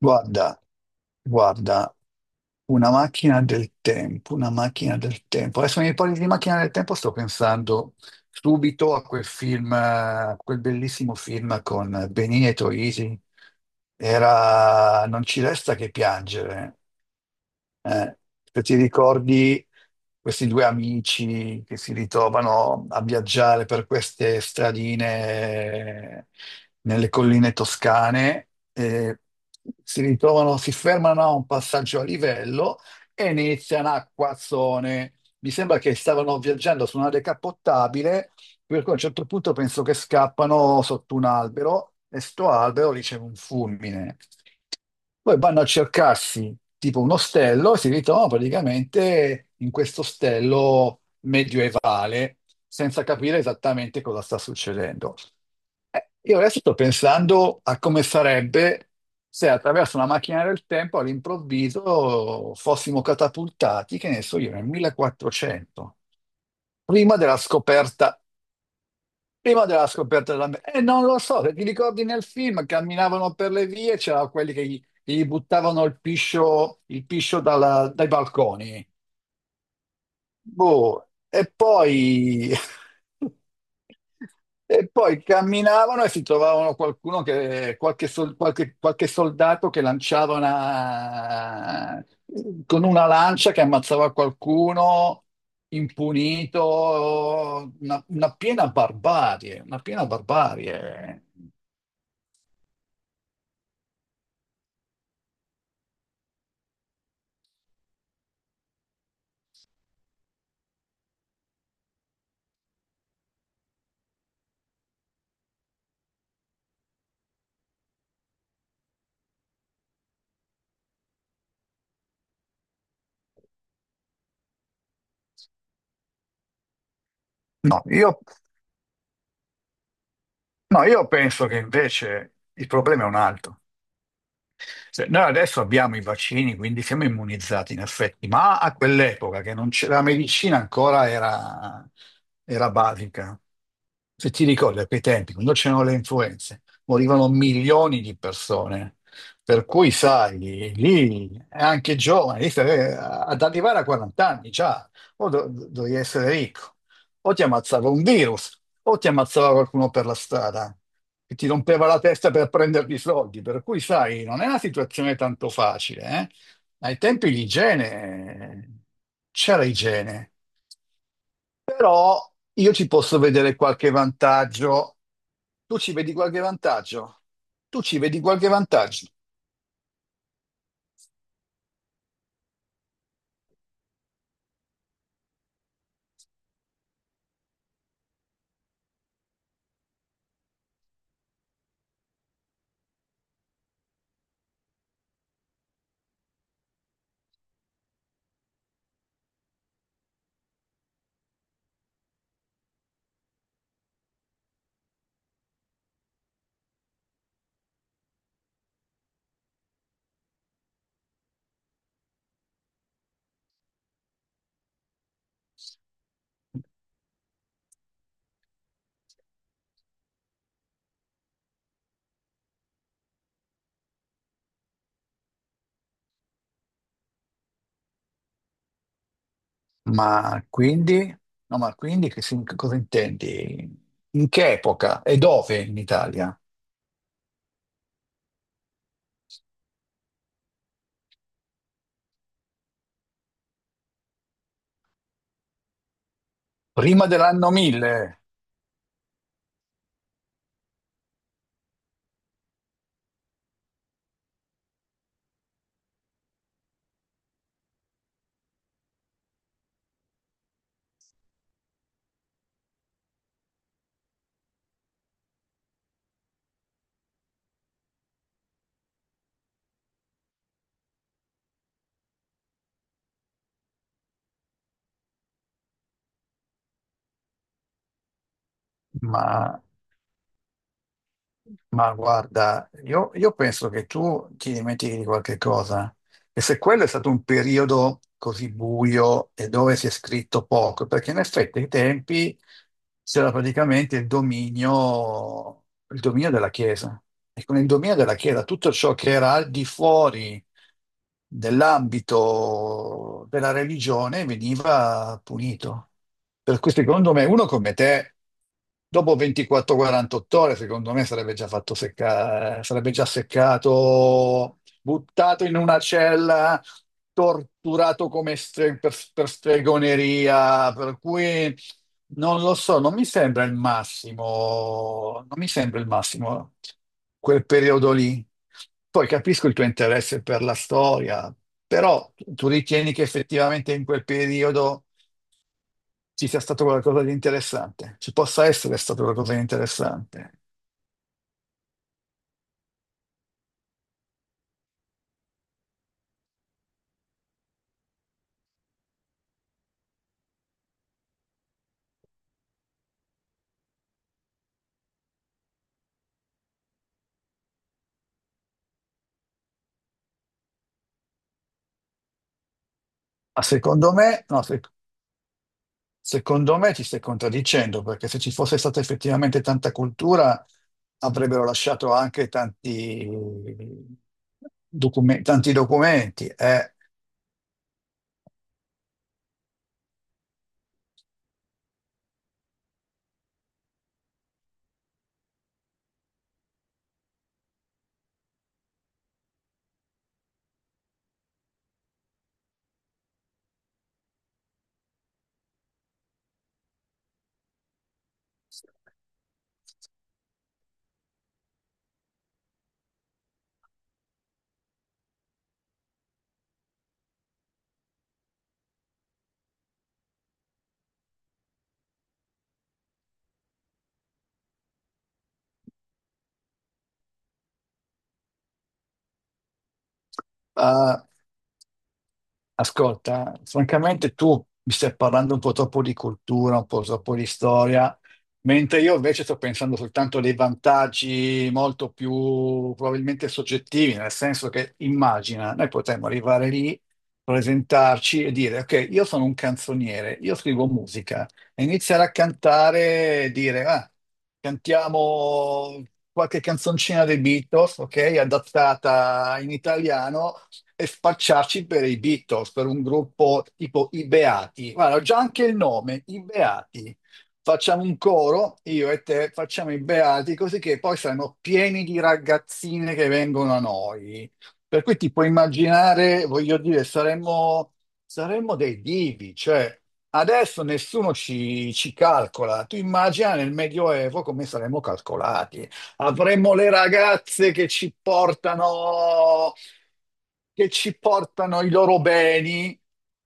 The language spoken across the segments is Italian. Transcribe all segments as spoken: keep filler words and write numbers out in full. Guarda, guarda, una macchina del tempo, una macchina del tempo. Adesso mi parli di macchina del tempo, sto pensando subito a quel film, eh, a quel bellissimo film con Benini e Troisi. Era Non ci resta che piangere. Eh, Se ti ricordi questi due amici che si ritrovano a viaggiare per queste stradine eh, nelle colline toscane, eh, si ritrovano, si fermano a un passaggio a livello e iniziano a quazzone. Mi sembra che stavano viaggiando su una decappottabile, per cui a un certo punto penso che scappano sotto un albero e sto albero riceve un fulmine. Poi vanno a cercarsi tipo un ostello e si ritrovano praticamente in questo ostello medioevale, senza capire esattamente cosa sta succedendo. Eh, io adesso sto pensando a come sarebbe se attraverso una macchina del tempo all'improvviso fossimo catapultati, che ne so io, nel millequattrocento, prima della scoperta prima della scoperta dell'America, eh, non lo so, se ti ricordi nel film, camminavano per le vie, c'erano quelli che gli, gli buttavano il piscio, il piscio dalla- dai balconi. Boh, e poi, e poi camminavano e si trovavano qualcuno che, qualche, sol- qualche- qualche soldato che lanciava una, con una lancia che ammazzava qualcuno impunito, una, una piena barbarie, una piena barbarie. No, io, no, io penso che invece il problema è un altro. Se- Noi adesso abbiamo i vaccini, quindi siamo immunizzati in effetti, ma a quell'epoca che non c'era la medicina ancora era, era basica. Se ti ricordi, a quei tempi, quando c'erano le influenze, morivano milioni di persone. Per cui, sai, lì è anche giovane, lì stai- ad arrivare a quaranta anni già, o do- dovevi essere ricco, o ti ammazzava un virus, o ti ammazzava qualcuno per la strada che ti rompeva la testa per prenderti i soldi. Per cui, sai, non è una situazione tanto facile, eh? Ai tempi l'igiene, c'era igiene, però io ci posso vedere qualche vantaggio. Tu ci vedi qualche vantaggio? Tu ci vedi qualche vantaggio? Ma quindi? No, ma quindi che si- che cosa intendi? In che epoca e dove in Italia? Prima dell'anno mille? Ma Ma guarda, io, io penso che tu ti dimentichi di qualche cosa. E se quello è stato un periodo così buio e dove si è scritto poco, perché in effetti ai tempi c'era praticamente il dominio, il dominio della Chiesa. E con il dominio della Chiesa tutto ciò che era al di fuori nell'ambito della religione veniva punito. Per cui secondo me uno come te, dopo ventiquattro quarantotto ore, secondo me sarebbe già fatto seccare, sarebbe già seccato, buttato in una cella, torturato come stre- per, per stregoneria, per cui non lo so, non mi sembra il massimo, non mi sembra il massimo quel periodo lì. Poi capisco il tuo interesse per la storia, però tu ritieni che effettivamente in quel periodo ci sia stato qualcosa di interessante, ci possa essere stato qualcosa di interessante. Ma secondo me, no, se- secondo me ti stai contraddicendo, perché se ci fosse stata effettivamente tanta cultura, avrebbero lasciato anche tanti, docume- tanti documenti. eh. Eh, Ascolta, francamente tu mi stai parlando un po' troppo di cultura, un po' troppo di storia, mentre io invece sto pensando soltanto dei vantaggi molto più probabilmente soggettivi, nel senso che immagina, noi potremmo arrivare lì, presentarci e dire, ok, io sono un canzoniere, io scrivo musica, e iniziare a cantare e dire, ah, cantiamo qualche canzoncina dei Beatles, ok, adattata in italiano e spacciarci per i Beatles, per un gruppo tipo i Beati. Guarda, ho già anche il nome, i Beati. Facciamo un coro, io e te facciamo i Beati, così che poi saremo pieni di ragazzine che vengono a noi. Per cui ti puoi immaginare, voglio dire, saremmo, saremmo dei divi, cioè adesso nessuno ci, ci calcola. Tu immagina nel Medioevo come saremmo calcolati. Avremo le ragazze che ci portano, che ci portano i loro beni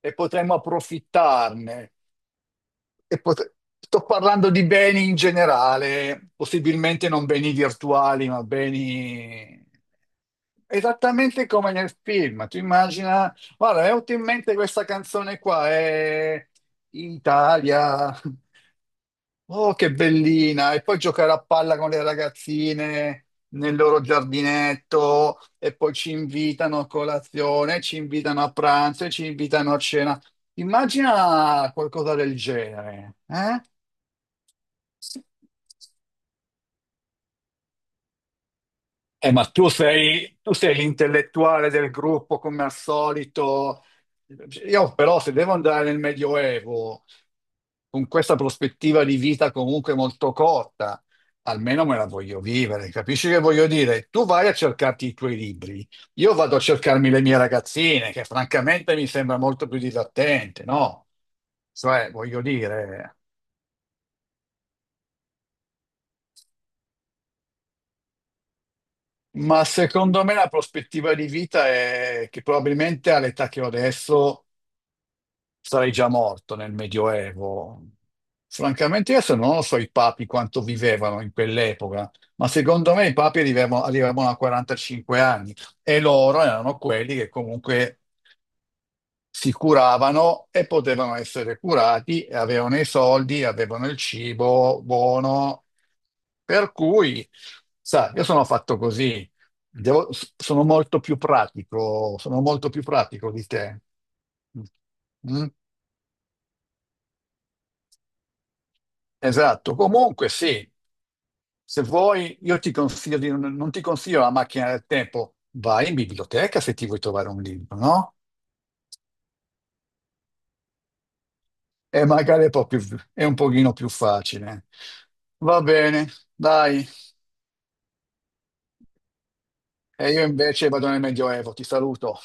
e potremo approfittarne. E pot- Sto parlando di beni in generale, possibilmente non beni virtuali, ma beni esattamente come nel film. Tu immagina, guarda, mi è venuta in mente questa canzone qua, è Italia. Oh, che bellina! E poi giocare a palla con le ragazzine nel loro giardinetto e poi ci invitano a colazione, ci invitano a pranzo e ci invitano a cena. Immagina qualcosa del genere, eh? Eh, ma tu sei, tu sei l'intellettuale del gruppo come al solito. Io però se devo andare nel Medioevo con questa prospettiva di vita comunque molto corta, almeno me la voglio vivere, capisci che voglio dire? Tu vai a cercarti i tuoi libri, io vado a cercarmi le mie ragazzine, che francamente mi sembra molto più divertente, no? Cioè, voglio dire... Ma secondo me la prospettiva di vita è che probabilmente all'età che ho adesso sarei già morto nel Medioevo. Francamente, adesso non lo so i papi quanto vivevano in quell'epoca, ma secondo me i papi arrivavano, arrivavano a quarantacinque anni e loro erano quelli che comunque si curavano e potevano essere curati, e avevano i soldi, avevano il cibo buono. Per cui, sa, io sono fatto così, Devo- sono molto più pratico, sono molto più pratico di te. Mm? Mm? Esatto, comunque sì, se vuoi io ti consiglio di, non, non ti consiglio la macchina del tempo, vai in biblioteca se ti vuoi trovare un libro, no? E magari è, proprio, è un pochino più facile. Va bene, dai, e io invece vado nel Medioevo, ti saluto.